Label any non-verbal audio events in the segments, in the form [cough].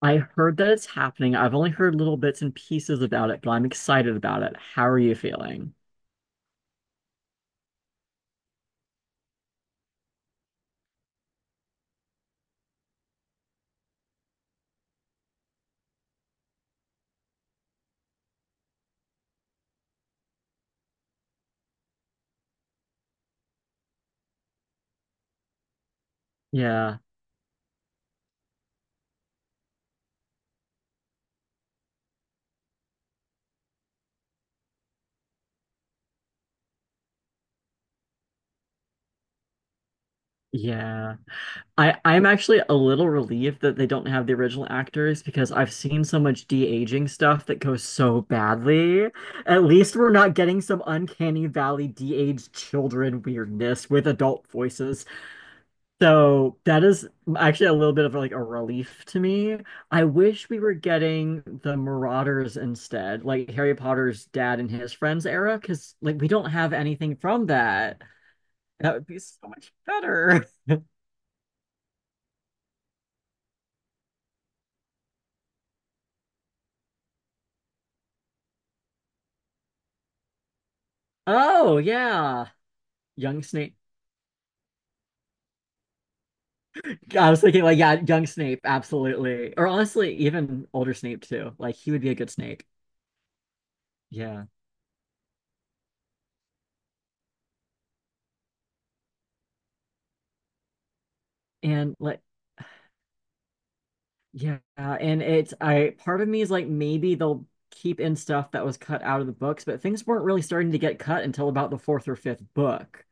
I heard that it's happening. I've only heard little bits and pieces about it, but I'm excited about it. How are you feeling? Yeah. Yeah. I'm actually a little relieved that they don't have the original actors because I've seen so much de-aging stuff that goes so badly. At least we're not getting some uncanny valley de-aged children weirdness with adult voices. So that is actually a little bit of like a relief to me. I wish we were getting the Marauders instead, like Harry Potter's dad and his friends era, because like we don't have anything from that. That would be so much better. [laughs] Oh yeah. Young Snape. I was thinking like yeah, young Snape, absolutely. Or honestly, even older Snape too. Like he would be a good Snape. Yeah. And like, yeah, and it's I part of me is like maybe they'll keep in stuff that was cut out of the books, but things weren't really starting to get cut until about the fourth or fifth book.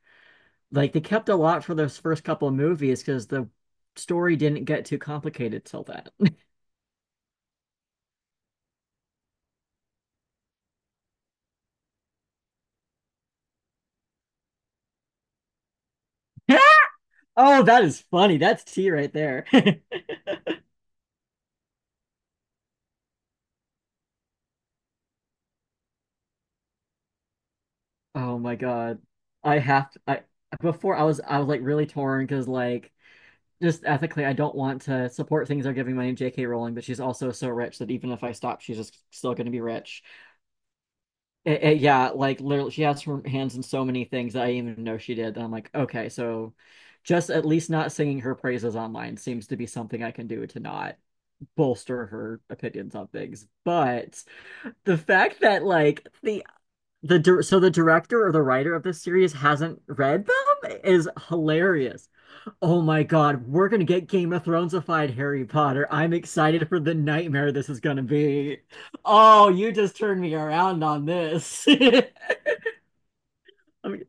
Like they kept a lot for those first couple of movies because the story didn't get too complicated till that. [laughs] Oh, that is funny. That's tea right there. [laughs] Oh my God. I have to, I Before I was like really torn because like just ethically I don't want to support things they're giving my J.K. Rowling, but she's also so rich that even if I stop, she's just still going to be rich. Yeah, like literally, she has her hands in so many things that I didn't even know she did. And I'm like, okay, so just at least not singing her praises online seems to be something I can do to not bolster her opinions on things. But the fact that like so the director or the writer of this series hasn't read them is hilarious. Oh my God, we're gonna get Game of Thronesified Harry Potter. I'm excited for the nightmare this is gonna be. Oh, you just turned me around on this. [laughs] I mean,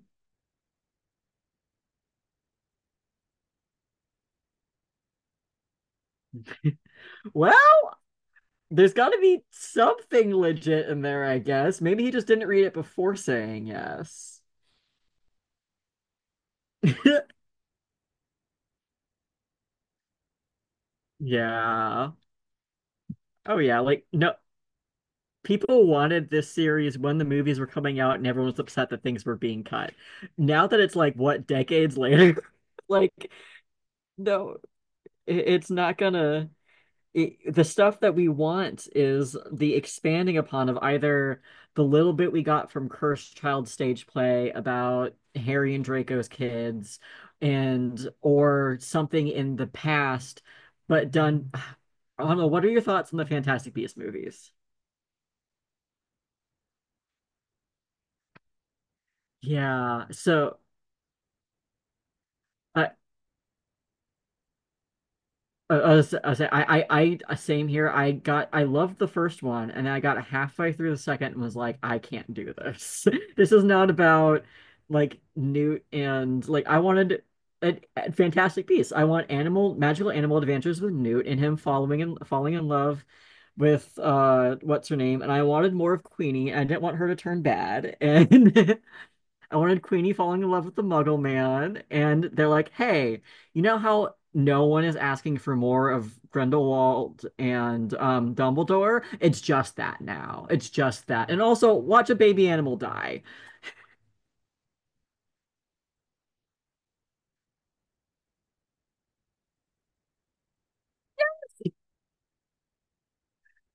well, there's got to be something legit in there, I guess. Maybe he just didn't read it before saying yes. [laughs] Yeah. Oh, yeah. Like, no, people wanted this series when the movies were coming out and everyone was upset that things were being cut. Now that it's like, what, decades later? [laughs] Like, no, it's not gonna, the stuff that we want is the expanding upon of either the little bit we got from Cursed Child stage play about Harry and Draco's kids and or something in the past but done. [sighs] I don't know, what are your thoughts on the Fantastic Beasts movies? Yeah. So I I same here. I loved the first one, and I got halfway through the second and was like, I can't do this. [laughs] This is not about like Newt, and like I wanted a fantastic piece. I want animal magical animal adventures with Newt and him following and falling in love with what's her name, and I wanted more of Queenie. I didn't want her to turn bad, and [laughs] Ellen and Queenie falling in love with the Muggle Man, and they're like, hey, you know how no one is asking for more of Grindelwald and Dumbledore? It's just that now. It's just that. And also, watch a baby animal die.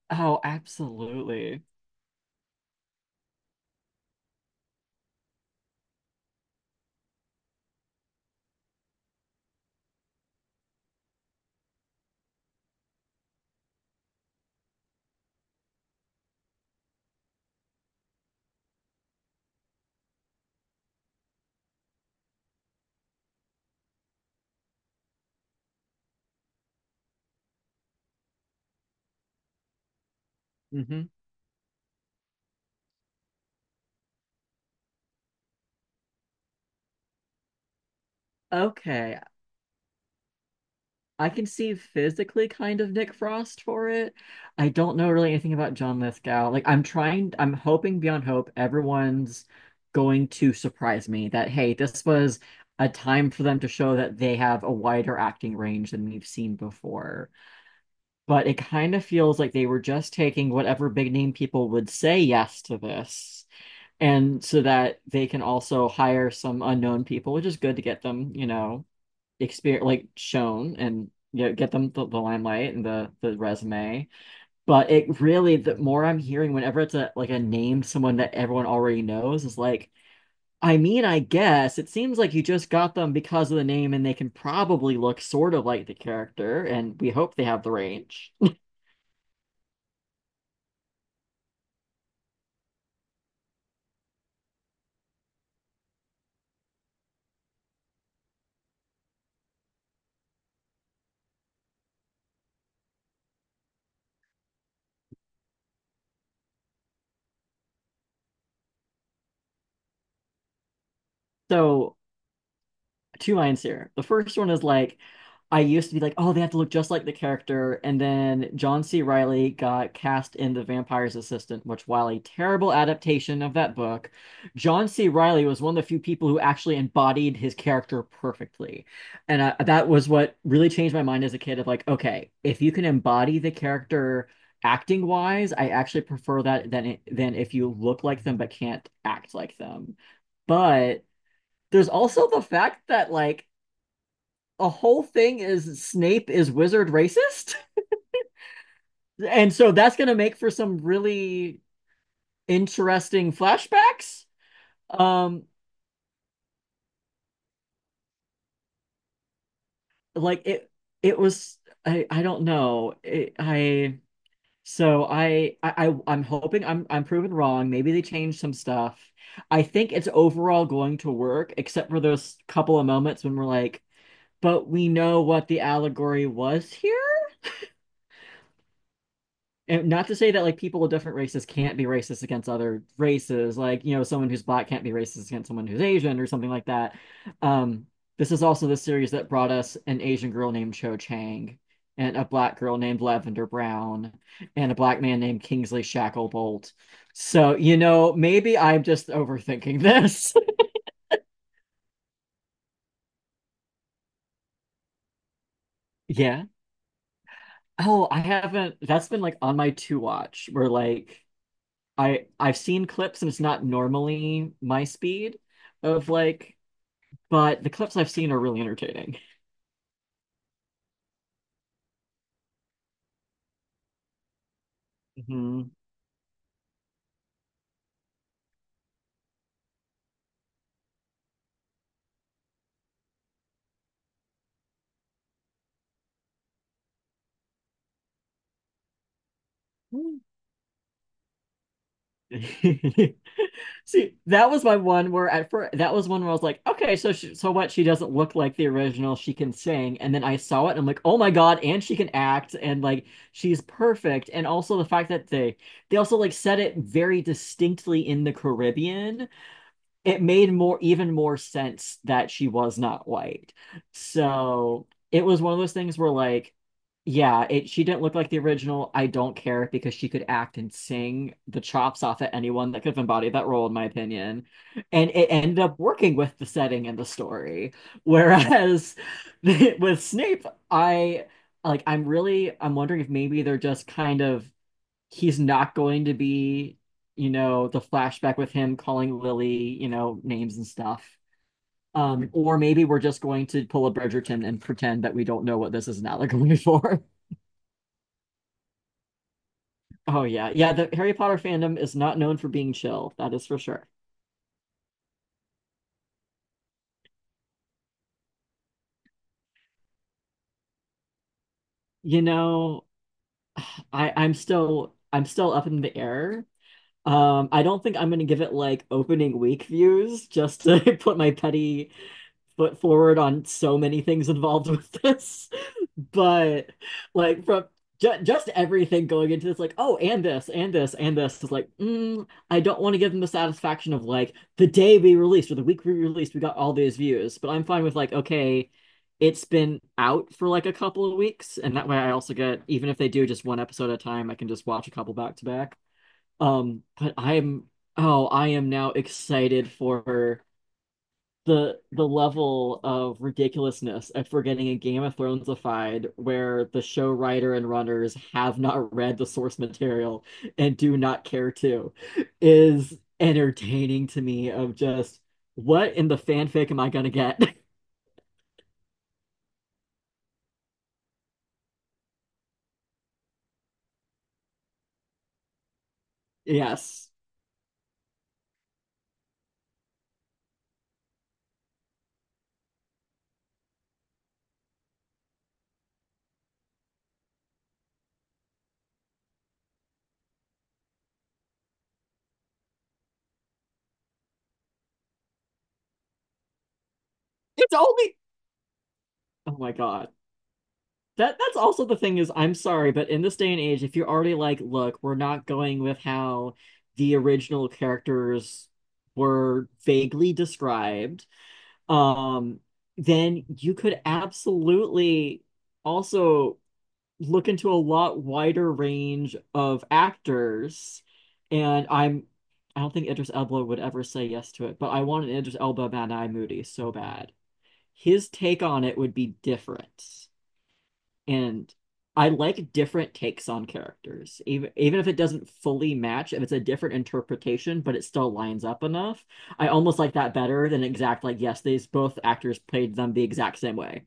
Oh, absolutely. Hmm. Okay. I can see physically kind of Nick Frost for it. I don't know really anything about John Lithgow. Like I'm trying, I'm hoping beyond hope everyone's going to surprise me that hey, this was a time for them to show that they have a wider acting range than we've seen before. But it kind of feels like they were just taking whatever big name people would say yes to this. And so that they can also hire some unknown people, which is good to get them, you know, experience like shown and get them the limelight and the resume. But it really, the more I'm hearing whenever it's a like a name someone that everyone already knows, is like, I mean, I guess it seems like you just got them because of the name, and they can probably look sort of like the character, and we hope they have the range. [laughs] So, two lines here. The first one is like, I used to be like, oh, they have to look just like the character. And then John C. Riley got cast in The Vampire's Assistant, which, while a terrible adaptation of that book, John C. Riley was one of the few people who actually embodied his character perfectly. That was what really changed my mind as a kid of like, okay, if you can embody the character acting wise, I actually prefer that than, if you look like them but can't act like them. But there's also the fact that like a whole thing is Snape is wizard racist. And so that's going to make for some really interesting flashbacks. Um like it was, I don't know. It, I So I am hoping I'm proven wrong. Maybe they changed some stuff. I think it's overall going to work except for those couple of moments when we're like, but we know what the allegory was here. And not to say that, like, people of different races can't be racist against other races. Like, someone who's black can't be racist against someone who's Asian or something like that. um this is also the series that brought us an Asian girl named Cho Chang, and a black girl named Lavender Brown, and a black man named Kingsley Shacklebolt. So maybe I'm just overthinking this. [laughs] Yeah. Oh, I haven't that's been like on my to watch where like I've seen clips and it's not normally my speed of like, but the clips I've seen are really entertaining. Mhm. [laughs] See, that was my one where at first that was one where I was like, okay, so what? She doesn't look like the original. She can sing, and then I saw it, and I'm like, oh my God, and she can act, and like she's perfect. And also the fact that they also like said it very distinctly in the Caribbean, it made more even more sense that she was not white. So it was one of those things where like, yeah, it she didn't look like the original. I don't care because she could act and sing the chops off at anyone that could have embodied that role, in my opinion. And it ended up working with the setting and the story. Whereas [laughs] with Snape, I I'm wondering if maybe they're just kind of he's not going to be, the flashback with him calling Lily, names and stuff. Or maybe we're just going to pull a Bridgerton and pretend that we don't know what this is an allegory for. [laughs] Oh yeah, yeah. The Harry Potter fandom is not known for being chill. That is for sure. You know, [sighs] I'm still up in the air. I don't think I'm gonna give it like opening week views just to [laughs] put my petty foot forward on so many things involved with this. But like from ju just everything going into this, like, oh, and this, and this, and this is like, I don't want to give them the satisfaction of like the day we released, or the week we released, we got all these views. But I'm fine with like, okay, it's been out for like a couple of weeks, and that way I also get, even if they do just one episode at a time, I can just watch a couple back to back. But oh, I am now excited for the level of ridiculousness if we're getting a Game of Thronesified where the show writer and runners have not read the source material and do not care to is entertaining to me of just, what in the fanfic am I gonna get? [laughs] Yes. It's only Oh my God. That's also the thing is, I'm sorry, but in this day and age, if you're already like, look, we're not going with how the original characters were vaguely described, um, then you could absolutely also look into a lot wider range of actors. And I'm, I don't think Idris Elba would ever say yes to it, but I want an Idris Elba Mad Eye Moody so bad. His take on it would be different, and I like different takes on characters, even if it doesn't fully match, if it's a different interpretation, but it still lines up enough. I almost like that better than exact, like yes, these both actors played them the exact same way.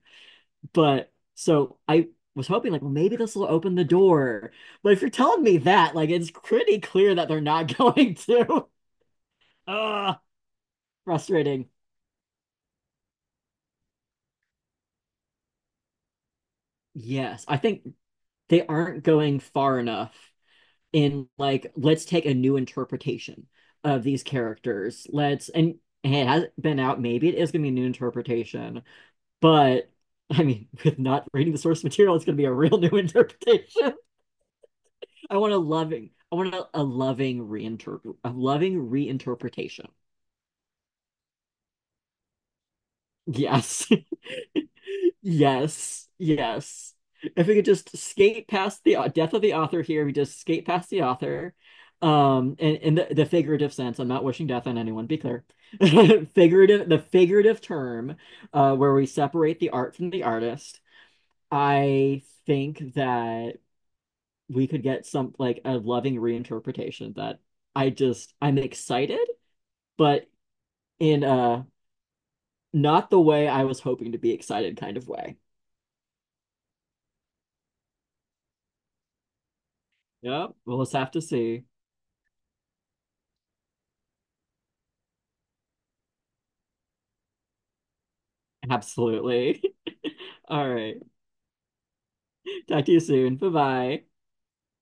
But so I was hoping like, well, maybe this will open the door. But if you're telling me that, like, it's pretty clear that they're not going to. [laughs] Ah, Frustrating. Yes, I think they aren't going far enough in like let's take a new interpretation of these characters. Let's And hey, it hasn't been out. Maybe it is gonna be a new interpretation, but [laughs] I mean, with not reading the source material, it's gonna be a real new interpretation. [laughs] I want a loving reinterpret, A loving reinterpretation. Yes. Yes, yes. If we could just skate past the death of the author here, we just skate past the author, in the figurative sense. I'm not wishing death on anyone, be clear. [laughs] Figurative, the figurative term, where we separate the art from the artist. I think that we could get some like a loving reinterpretation that I'm excited, but in a not the way I was hoping to be excited kind of way. Yeah, we'll just have to see. Absolutely. [laughs] All right. Talk to you soon. Bye bye.